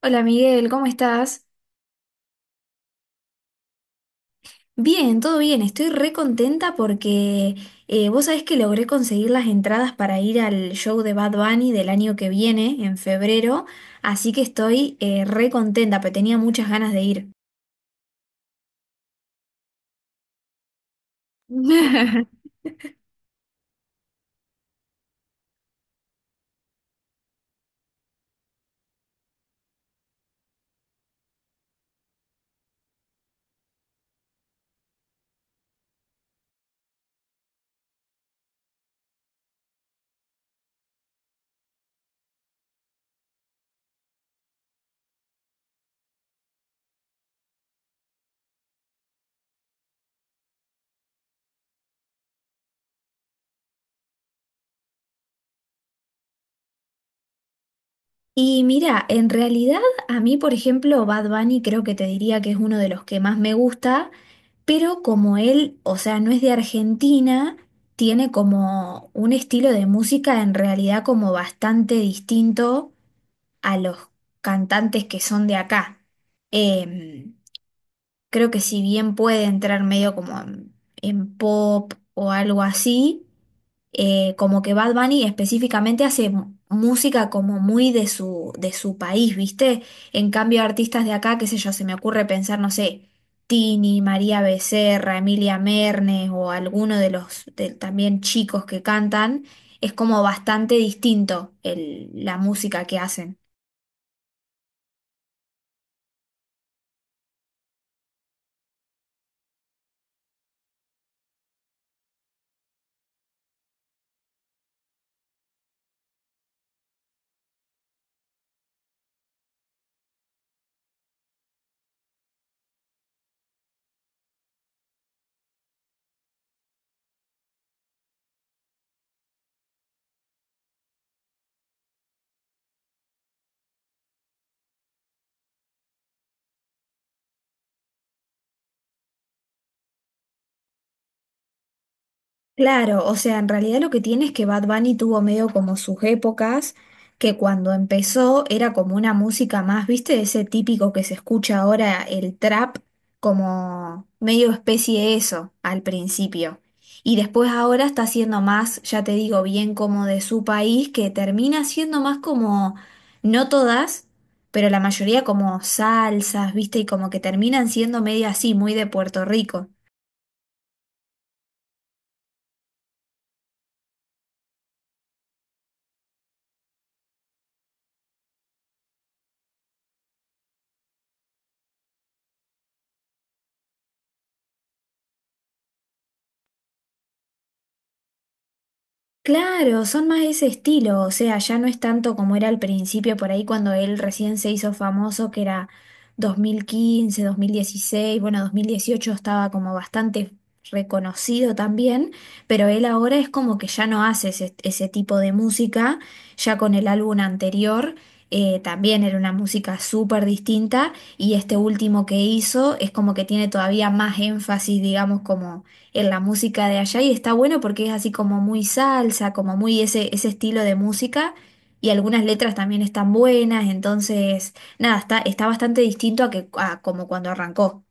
Hola Miguel, ¿cómo estás? Bien, todo bien, estoy re contenta porque vos sabés que logré conseguir las entradas para ir al show de Bad Bunny del año que viene, en febrero, así que estoy re contenta, pero tenía muchas ganas de ir. Y mira, en realidad a mí, por ejemplo, Bad Bunny creo que te diría que es uno de los que más me gusta, pero como él, o sea, no es de Argentina, tiene como un estilo de música en realidad como bastante distinto a los cantantes que son de acá. Em, Creo que si bien puede entrar medio como en pop o algo así, como que Bad Bunny específicamente hace música como muy de su país, ¿viste? En cambio, artistas de acá, qué sé yo, se me ocurre pensar, no sé, Tini, María Becerra, Emilia Mernes o alguno de los también chicos que cantan, es como bastante distinto la música que hacen. Claro, o sea, en realidad lo que tiene es que Bad Bunny tuvo medio como sus épocas, que cuando empezó era como una música más, ¿viste? Ese típico que se escucha ahora, el trap, como medio especie de eso al principio. Y después ahora está siendo más, ya te digo, bien como de su país, que termina siendo más como, no todas, pero la mayoría como salsas, ¿viste? Y como que terminan siendo medio así, muy de Puerto Rico. Claro, son más de ese estilo, o sea, ya no es tanto como era al principio, por ahí cuando él recién se hizo famoso, que era 2015, 2016, bueno, 2018 estaba como bastante reconocido también, pero él ahora es como que ya no hace ese tipo de música, ya con el álbum anterior también era una música súper distinta y este último que hizo es como que tiene todavía más énfasis, digamos, como en la música de allá y está bueno porque es así como muy salsa, como muy ese estilo de música y algunas letras también están buenas, entonces nada, está, está bastante distinto a, que, a como cuando arrancó.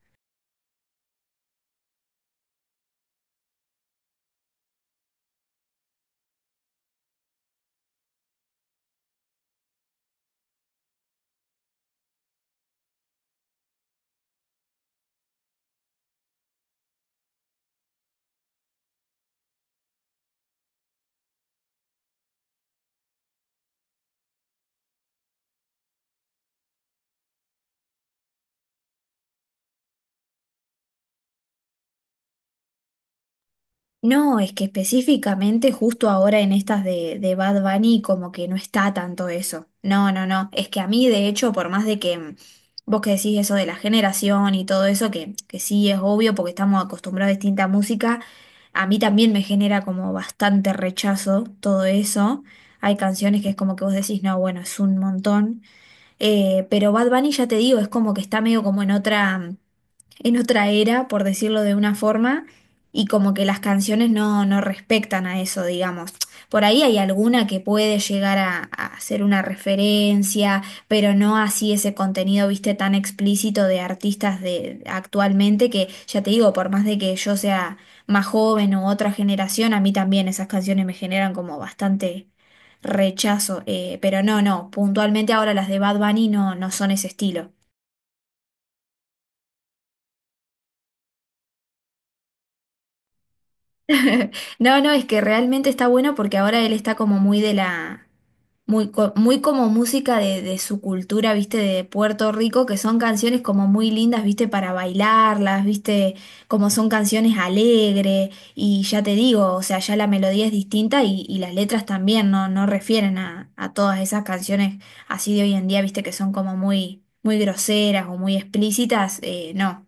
No, es que específicamente justo ahora en estas de Bad Bunny como que no está tanto eso. No, no, no. Es que a mí de hecho, por más de que vos que decís eso de la generación y todo eso, que sí es obvio porque estamos acostumbrados a distinta música, a mí también me genera como bastante rechazo todo eso. Hay canciones que es como que vos decís, no, bueno, es un montón. Pero Bad Bunny ya te digo, es como que está medio como en otra era, por decirlo de una forma, y como que las canciones no, no respectan a eso, digamos. Por ahí hay alguna que puede llegar a ser una referencia, pero no así ese contenido, viste, tan explícito de artistas de actualmente que, ya te digo, por más de que yo sea más joven u otra generación, a mí también esas canciones me generan como bastante rechazo. Pero no, no, puntualmente ahora las de Bad Bunny no, no son ese estilo. No, no, es que realmente está bueno porque ahora él está como muy de la, muy, muy como música de su cultura, viste, de Puerto Rico, que son canciones como muy lindas, viste, para bailarlas, viste, como son canciones alegres, y ya te digo, o sea, ya la melodía es distinta y las letras también, no, no refieren a todas esas canciones así de hoy en día, viste, que son como muy, muy groseras o muy explícitas, no.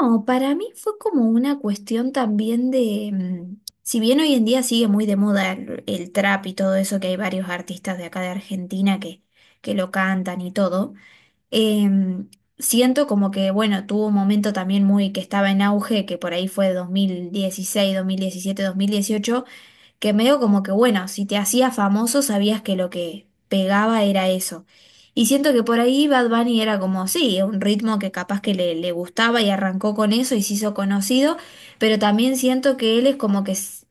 No, para mí fue como una cuestión también de, si bien hoy en día sigue muy de moda el trap y todo eso, que hay varios artistas de acá de Argentina que lo cantan y todo, em, siento como que, bueno, tuvo un momento también muy que estaba en auge, que por ahí fue 2016 2017 2018 que medio como que, bueno, si te hacías famoso sabías que lo que pegaba era eso. Y siento que por ahí Bad Bunny era como, sí, un ritmo que capaz que le gustaba y arrancó con eso y se hizo conocido, pero también siento que él es como que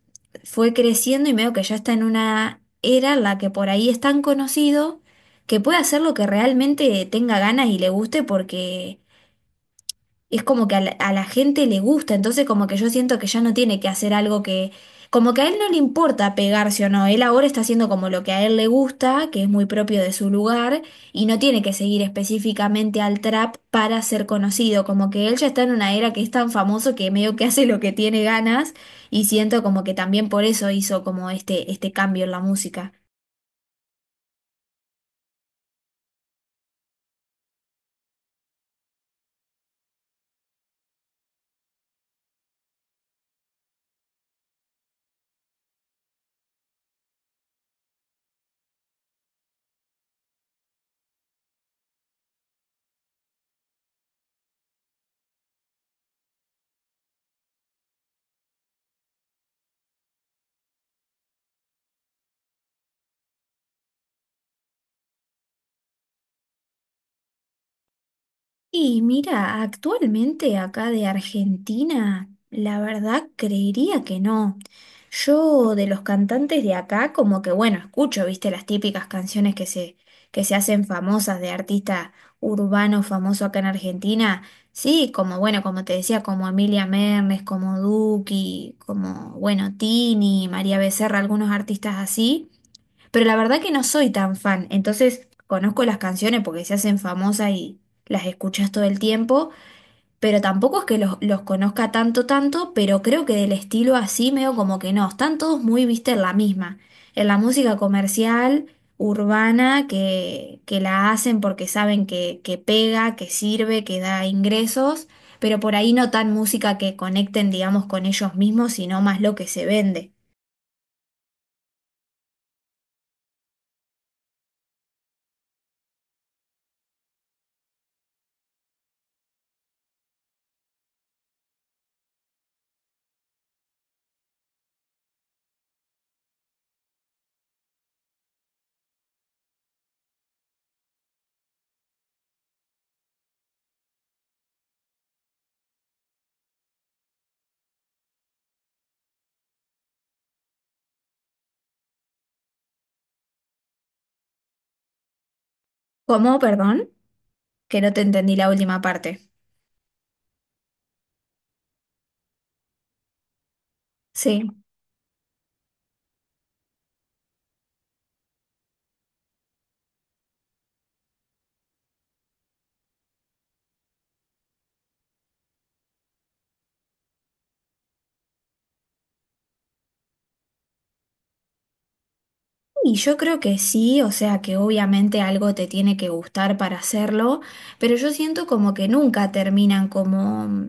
fue creciendo y medio que ya está en una era en la que por ahí es tan conocido que puede hacer lo que realmente tenga ganas y le guste porque es como que a la gente le gusta, entonces como que yo siento que ya no tiene que hacer algo que, como que a él no le importa pegarse o no, él ahora está haciendo como lo que a él le gusta, que es muy propio de su lugar, y no tiene que seguir específicamente al trap para ser conocido, como que él ya está en una era que es tan famoso que medio que hace lo que tiene ganas, y siento como que también por eso hizo como este cambio en la música. Y mira, actualmente acá de Argentina, la verdad creería que no. Yo de los cantantes de acá, como que bueno, escucho, viste, las típicas canciones que se hacen famosas de artista urbano famoso acá en Argentina. Sí, como bueno, como te decía, como Emilia Mernes, como Duki, como bueno, Tini, María Becerra, algunos artistas así. Pero la verdad que no soy tan fan, entonces conozco las canciones porque se hacen famosas y las escuchas todo el tiempo, pero tampoco es que los conozca tanto, tanto, pero creo que del estilo así medio como que no, están todos muy, viste, en la misma, en la música comercial, urbana, que la hacen porque saben que pega, que sirve, que da ingresos, pero por ahí no tan música que conecten, digamos, con ellos mismos, sino más lo que se vende. ¿Cómo? Perdón, que no te entendí la última parte. Sí, y yo creo que sí, o sea que obviamente algo te tiene que gustar para hacerlo, pero yo siento como que nunca terminan como,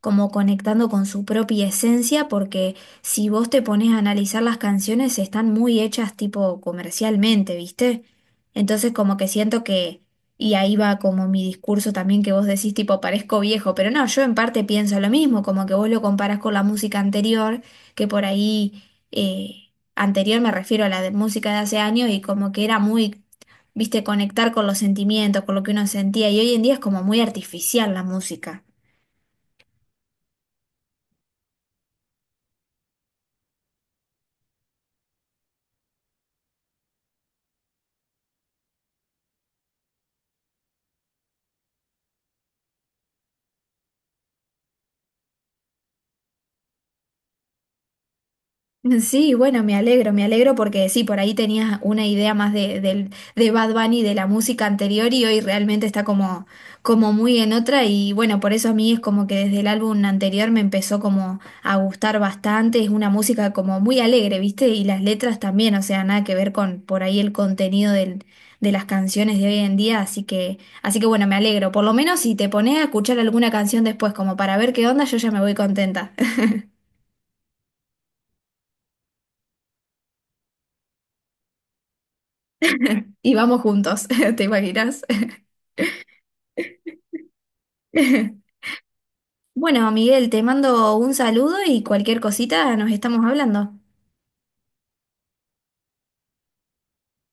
como conectando con su propia esencia, porque si vos te pones a analizar las canciones están muy hechas tipo comercialmente, ¿viste? Entonces como que siento que, y ahí va como mi discurso también que vos decís tipo parezco viejo, pero no, yo en parte pienso lo mismo, como que vos lo comparás con la música anterior, que eh, anterior, me refiero a la de música de hace años, y como que era muy, viste, conectar con los sentimientos, con lo que uno sentía, y hoy en día es como muy artificial la música. Sí, bueno, me alegro porque sí, por ahí tenías una idea más de, de Bad Bunny, de la música anterior y hoy realmente está como, como muy en otra y bueno, por eso a mí es como que desde el álbum anterior me empezó como a gustar bastante, es una música como muy alegre, ¿viste? Y las letras también, o sea, nada que ver con por ahí el contenido de las canciones de hoy en día, así que bueno, me alegro, por lo menos si te pones a escuchar alguna canción después como para ver qué onda, yo ya me voy contenta y vamos juntos, ¿te imaginas? Bueno, Miguel, te mando un saludo y cualquier cosita nos estamos hablando.